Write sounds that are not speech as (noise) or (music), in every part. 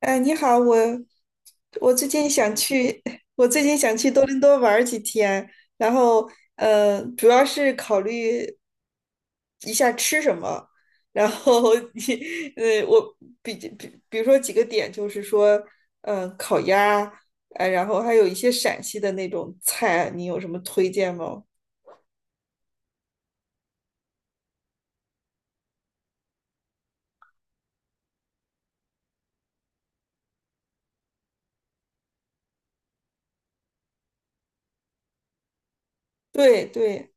你好，我最近想去，(laughs) 我最近想去多伦多玩儿几天，然后主要是考虑一下吃什么，然后 (laughs) 你我比如说几个点，就是说，嗯，烤鸭，然后还有一些陕西的那种菜，你有什么推荐吗？对对，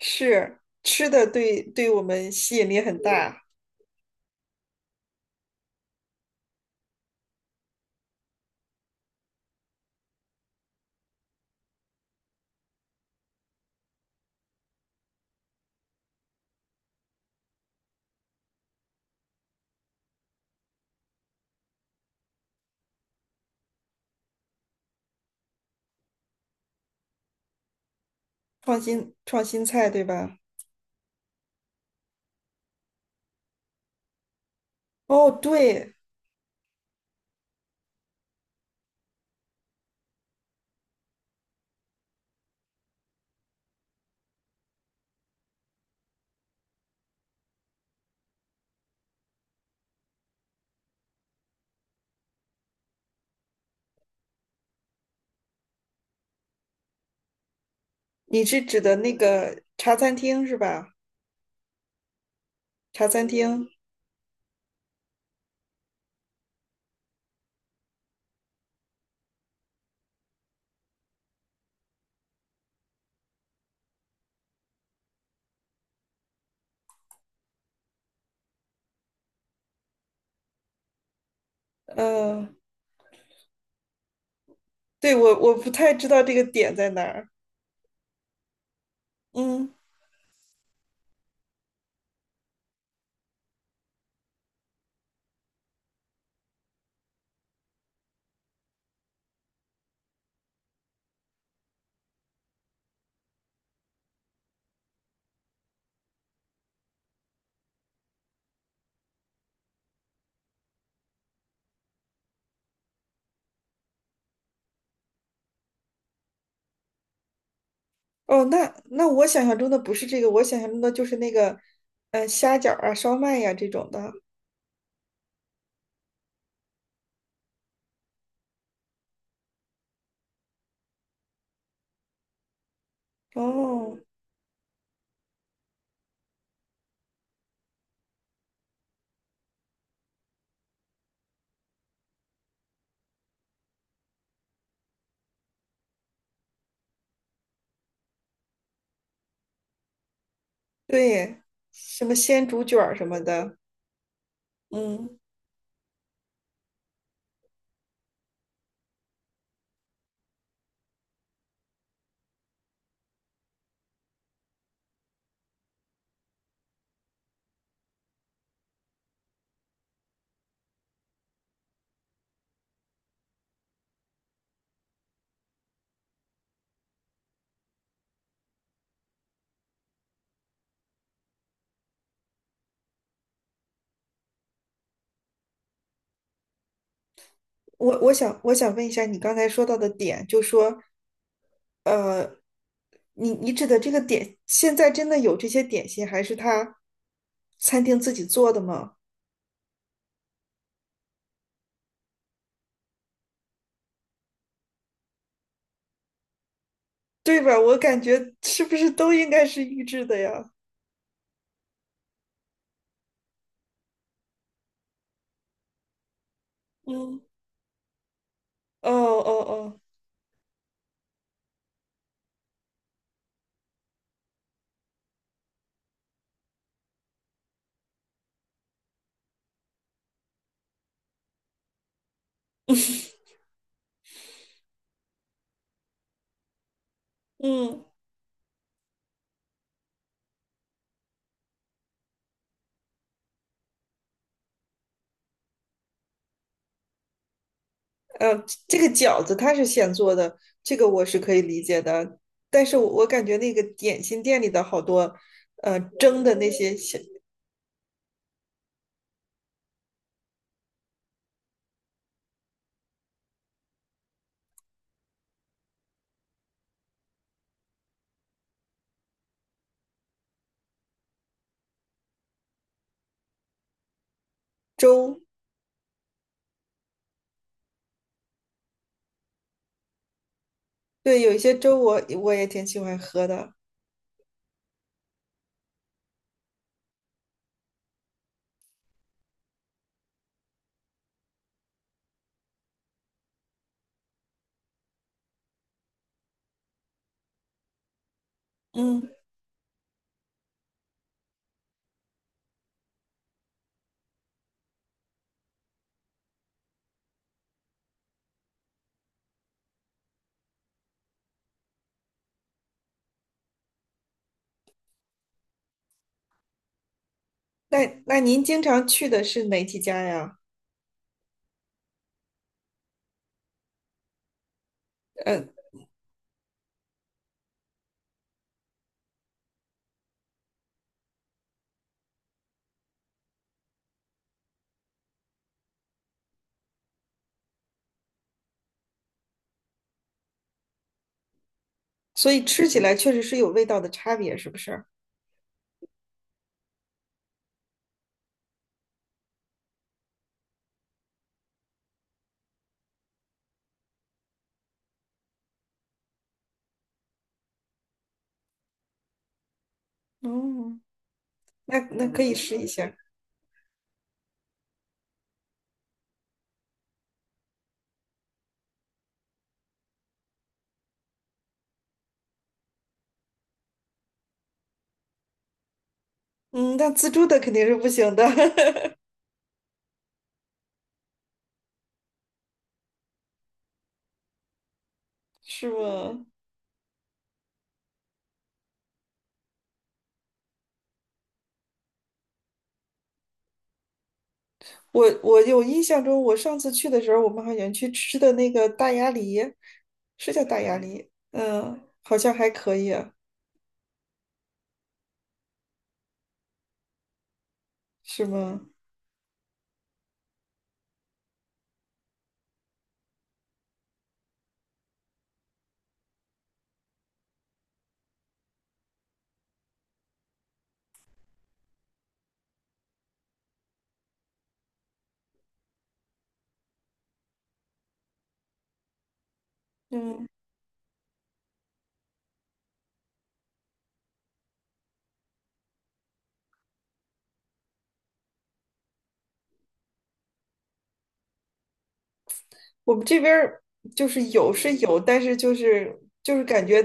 是吃的，对对，我们吸引力很大。创新菜对吧？哦，对。你是指的那个茶餐厅是吧？茶餐厅，呃，对，我不太知道这个点在哪儿。嗯。哦，那那我想象中的不是这个，我想象中的就是那个，虾饺儿啊、烧麦呀、这种的。哦，对，什么鲜竹卷儿什么的。嗯。我想问一下，你刚才说到的点，就说，呃，你你指的这个点，现在真的有这些点心，还是他餐厅自己做的吗？对吧？我感觉是不是都应该是预制的呀？嗯，哦哦哦，嗯。这个饺子它是现做的，这个我是可以理解的。但是我感觉那个点心店里的好多，蒸的那些小粥。对，有一些粥我也挺喜欢喝的。嗯，那那您经常去的是哪几家呀？嗯，所以吃起来确实是有味道的差别，是不是？嗯，那那可以试一下。嗯，那自助的肯定是不行的。(laughs) 是吗？我我有印象中，我上次去的时候，我们好像去吃的那个大鸭梨，是叫大鸭梨，嗯，好像还可以啊。是吗？嗯，我们这边儿就是有是有，但是就是感觉，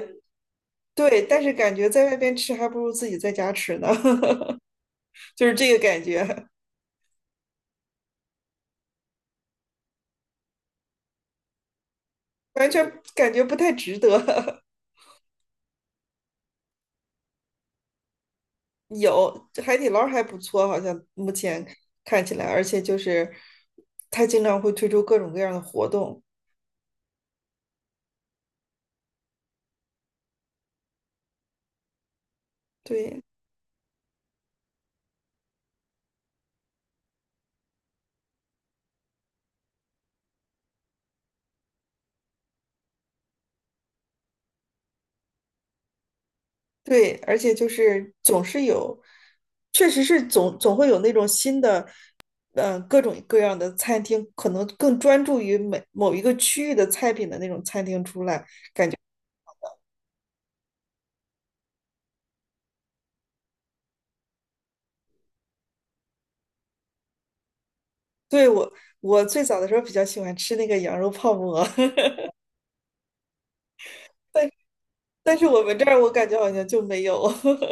对，但是感觉在外边吃还不如自己在家吃呢。(laughs) 就是这个感觉，完全感觉不太值得。(laughs) 有海底捞还不错，好像目前看起来，而且就是它经常会推出各种各样的活动。对对，而且就是总是有，确实是总会有那种新的，嗯、各种各样的餐厅，可能更专注于每某一个区域的菜品的那种餐厅出来。对，我，我最早的时候比较喜欢吃那个羊肉泡馍。(laughs) 但但是我们这儿我感觉好像就没有。(laughs)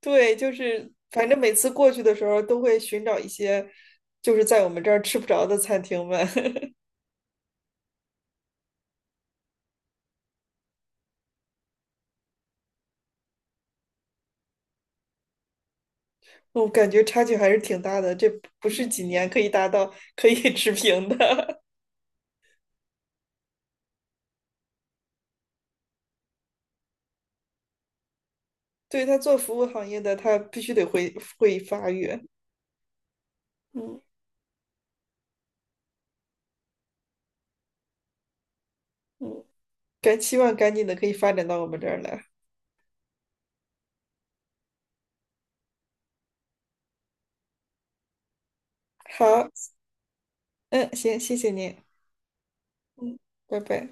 对，就是反正每次过去的时候都会寻找一些，就是在我们这儿吃不着的餐厅们。(laughs) 我感觉差距还是挺大的，这不是几年可以达到可以 (laughs) 持平的。(laughs) 对，他做服务行业的，他必须得会发育。嗯，嗯，该期望赶紧的可以发展到我们这儿来。好，嗯，行，谢谢您，嗯，拜拜。